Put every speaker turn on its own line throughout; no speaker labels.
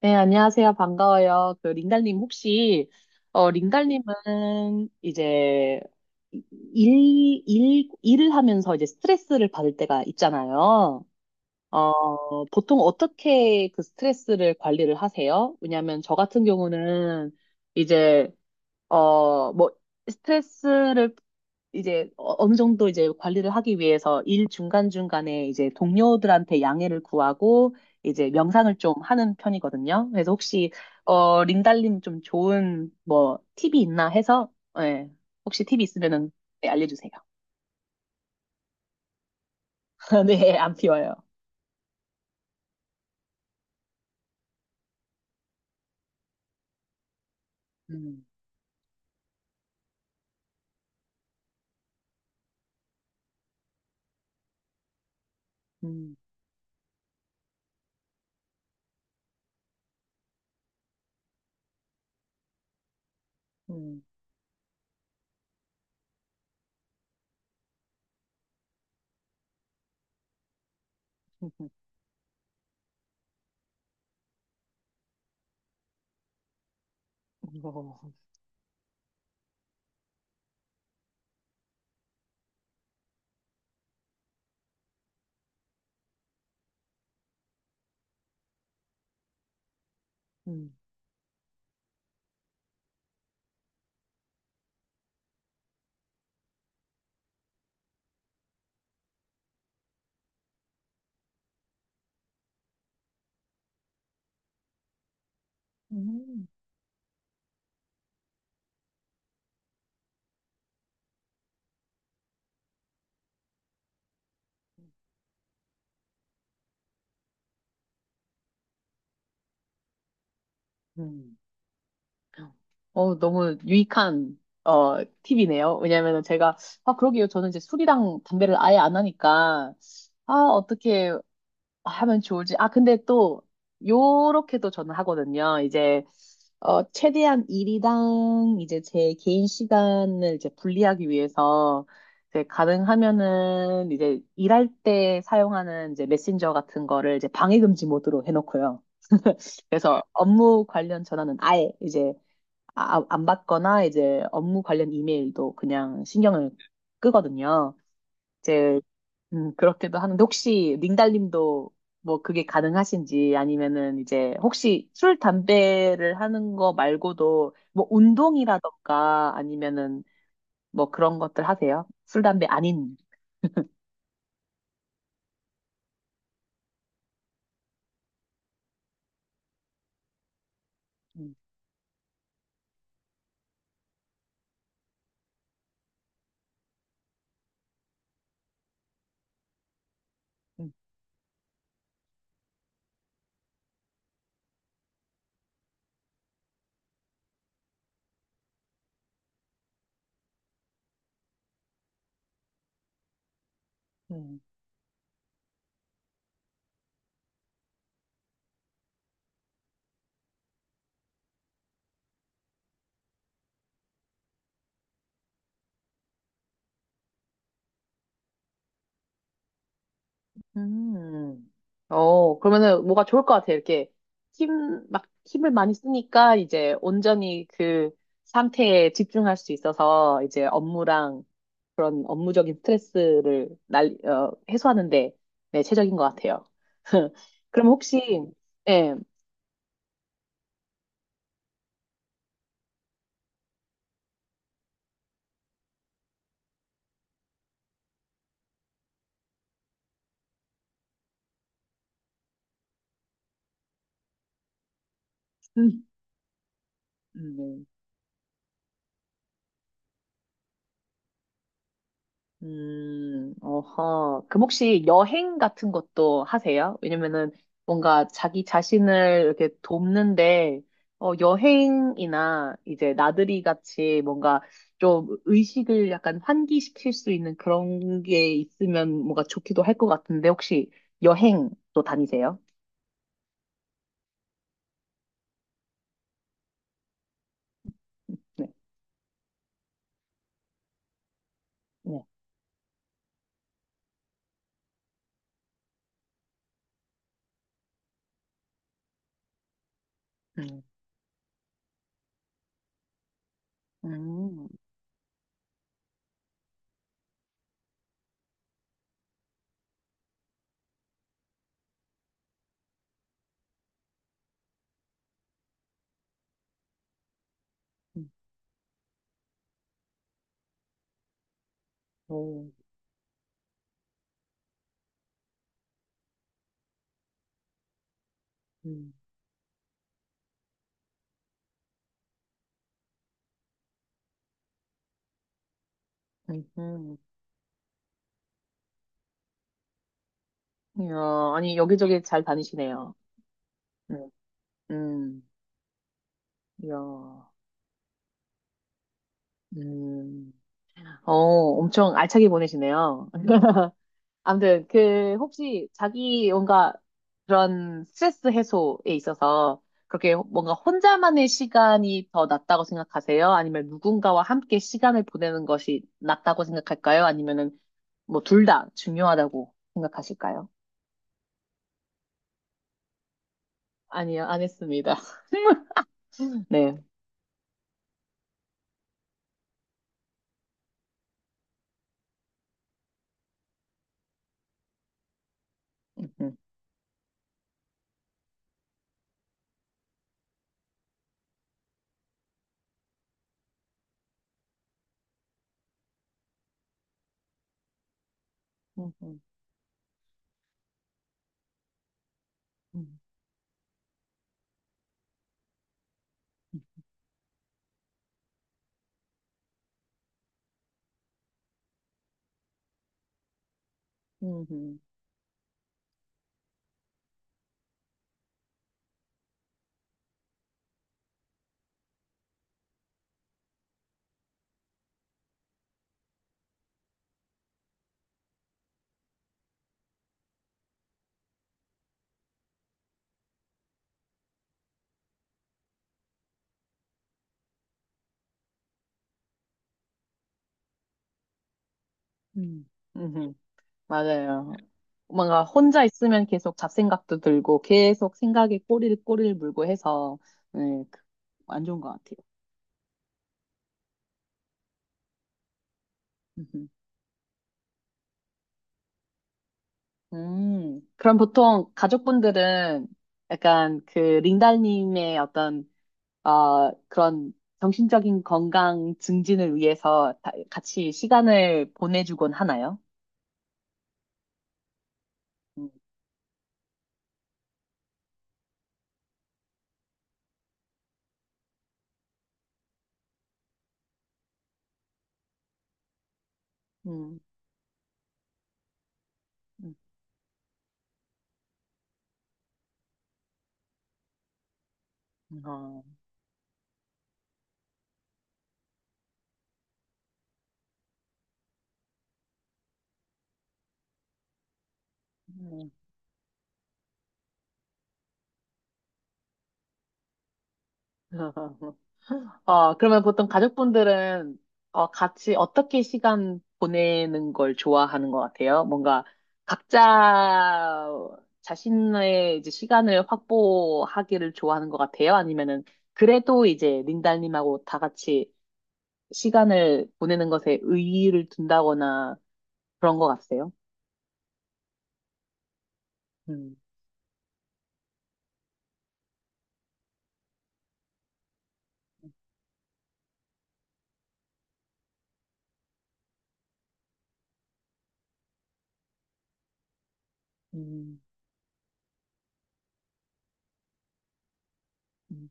네, 안녕하세요. 반가워요. 그 링달님 혹시 링달님은 이제 일을 하면서 이제 스트레스를 받을 때가 있잖아요. 보통 어떻게 그 스트레스를 관리를 하세요? 왜냐하면 저 같은 경우는 이제 뭐 스트레스를 이제 어느 정도 이제 관리를 하기 위해서 일 중간중간에 이제 동료들한테 양해를 구하고 이제 명상을 좀 하는 편이거든요. 그래서 혹시 린달님 좀 좋은 뭐 팁이 있나 해서 예, 혹시 팁이 있으면은 네, 알려주세요. 네, 안 피워요. 음, 음, 음, 음, 음, 음, 음, 음. 너무 유익한, 어, 팁이네요. 왜냐면은 제가, 아, 그러게요. 저는 이제 술이랑 담배를 아예 안 하니까, 아, 어떻게 하면 좋을지. 아, 근데 또, 요렇게도 저는 하거든요. 이제, 최대한 일이랑 이제 제 개인 시간을 이제 분리하기 위해서, 이제 가능하면은 이제 일할 때 사용하는 이제 메신저 같은 거를 이제 방해금지 모드로 해놓고요. 그래서 업무 관련 전화는 아예 이제 안 받거나 이제 업무 관련 이메일도 그냥 신경을 끄거든요. 이제 그렇게도 하는데 혹시 링달님도 뭐 그게 가능하신지 아니면은 이제 혹시 술, 담배를 하는 거 말고도 뭐 운동이라던가 아니면은 뭐 그런 것들 하세요? 술, 담배 아닌. 음, 음, 음. 음. 그러면은 뭐가 좋을 것 같아. 이렇게 힘, 막 힘을 많이 쓰니까 이제 온전히 그 상태에 집중할 수 있어서 이제 업무랑 그런 업무적인 스트레스를 해소하는데 네, 최적인 것 같아요. 그럼 혹시, 예. 음, 네. 어허. 그럼 혹시 여행 같은 것도 하세요? 왜냐면은 뭔가 자기 자신을 이렇게 돕는데, 여행이나 이제 나들이 같이 뭔가 좀 의식을 약간 환기시킬 수 있는 그런 게 있으면 뭔가 좋기도 할 것 같은데, 혹시 여행도 다니세요? 네. 네. 음, 음, 음, 오, 음, 음, 음. 이야, 아니, 여기저기 잘 다니시네요. 음, 음, 이야. 음. 엄청 알차게 보내시네요. 아무튼, 그, 혹시 자기 뭔가 그런 스트레스 해소에 있어서 그렇게 뭔가 혼자만의 시간이 더 낫다고 생각하세요? 아니면 누군가와 함께 시간을 보내는 것이 낫다고 생각할까요? 아니면은 뭐 둘 다 중요하다고 생각하실까요? 아니요, 안 했습니다. 네. 음, 음, 음, 음, 음, 음, 음, 음, 맞아요. 뭔가 혼자 있으면 계속 잡생각도 들고 계속 생각에 꼬리를 물고 해서 네, 그- 안 좋은 것 같아요. 음 그럼 보통 가족분들은 약간 그 링달님의 어떤 그런 정신적인 건강 증진을 위해서 같이 시간을 보내주곤 하나요? 음, 음, 음, 어, 음. 그러면 보통 가족분들은 같이 어떻게 시간 보내는 걸 좋아하는 것 같아요? 뭔가 각자 자신의 이제 시간을 확보하기를 좋아하는 것 같아요? 아니면은 그래도 이제 린달님하고 다 같이 시간을 보내는 것에 의의를 둔다거나 그런 것 같아요? 음, 음, 음,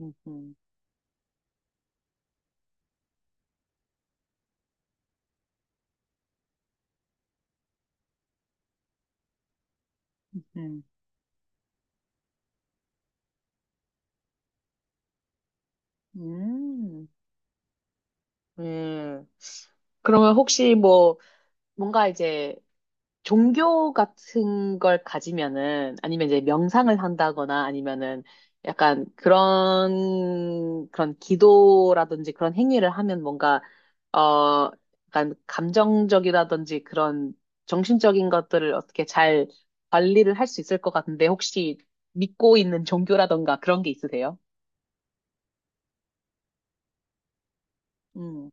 음, 음, 음, 음, 예. 그러면 혹시 뭐 뭔가 이제 종교 같은 걸 가지면은 아니면 이제 명상을 한다거나 아니면은 약간 그런 기도라든지 그런 행위를 하면 뭔가 어 약간 감정적이라든지 그런 정신적인 것들을 어떻게 잘 관리를 할 수 있을 것 같은데 혹시 믿고 있는 종교라든가 그런 게 있으세요? 음,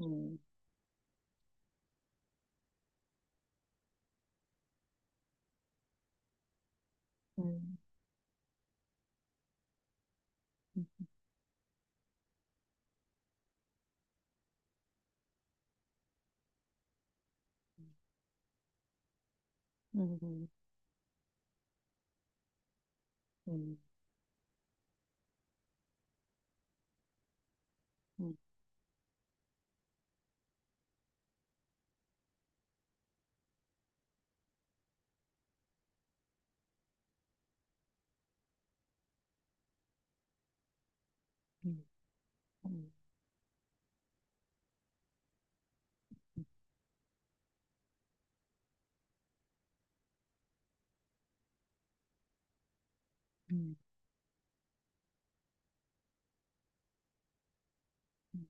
음, 음, 음, 음, 음, 음, 음, 음, 음. 음.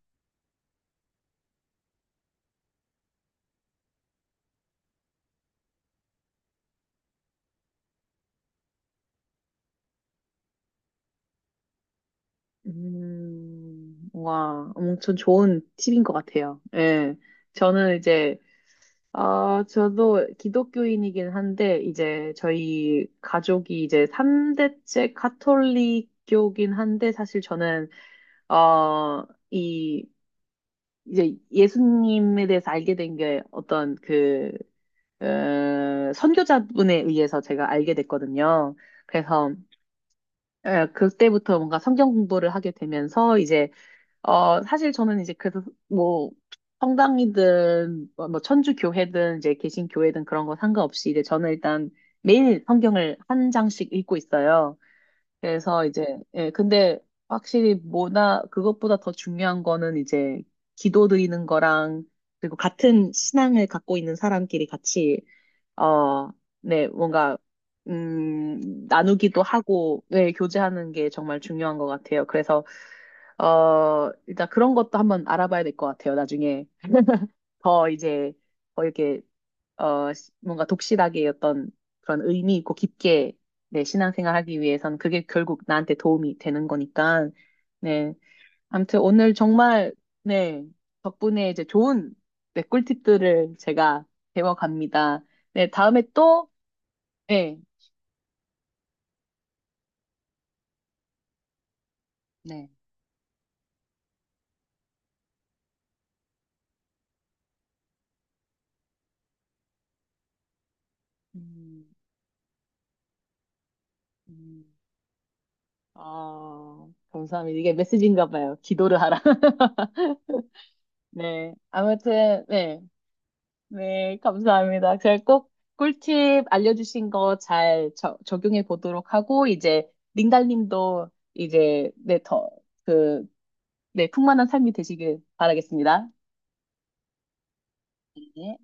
와, 엄청 좋은 팁인 것 같아요. 예. 저는 이제, 아, 저도 기독교인이긴 한데, 이제 저희 가족이 이제 3대째 카톨릭교긴 한데, 사실 저는, 어, 이, 이제 예수님에 대해서 알게 된 게 어떤 그, 어, 선교자분에 의해서 제가 알게 됐거든요. 그래서, 예, 그때부터 뭔가 성경 공부를 하게 되면서, 이제 사실 저는 이제 그래서 뭐 성당이든 뭐 천주 교회든 이제 개신 교회든 그런 거 상관없이 이제 저는 일단 매일 성경을 한 장씩 읽고 있어요. 그래서 이제 예, 근데 확실히 뭐나 그것보다 더 중요한 거는 이제 기도 드리는 거랑 그리고 같은 신앙을 갖고 있는 사람끼리 같이 어, 네, 뭔가, 나누기도 하고, 네, 교제하는 게 정말 중요한 것 같아요. 그래서, 일단 그런 것도 한번 알아봐야 될 것 같아요. 나중에 더 이제, 더 이렇게, 뭔가 독실하게 어떤 그런 의미 있고 깊게, 네, 신앙생활 하기 위해선 그게 결국 나한테 도움이 되는 거니까, 네. 아무튼 오늘 정말, 네, 덕분에 이제 좋은, 네, 꿀팁들을 제가 배워갑니다. 네, 다음에 또 네, 네. 음, 음. 아, 감사합니다. 이게 메시지인가 봐요. 기도를 하라. 네. 아무튼, 네. 네, 감사합니다. 제가 꼭 꿀팁 알려주신 거 잘 적용해 보도록 하고, 이제, 링달님도 이제, 네, 더, 그, 네, 풍만한 삶이 되시길 바라겠습니다. 네.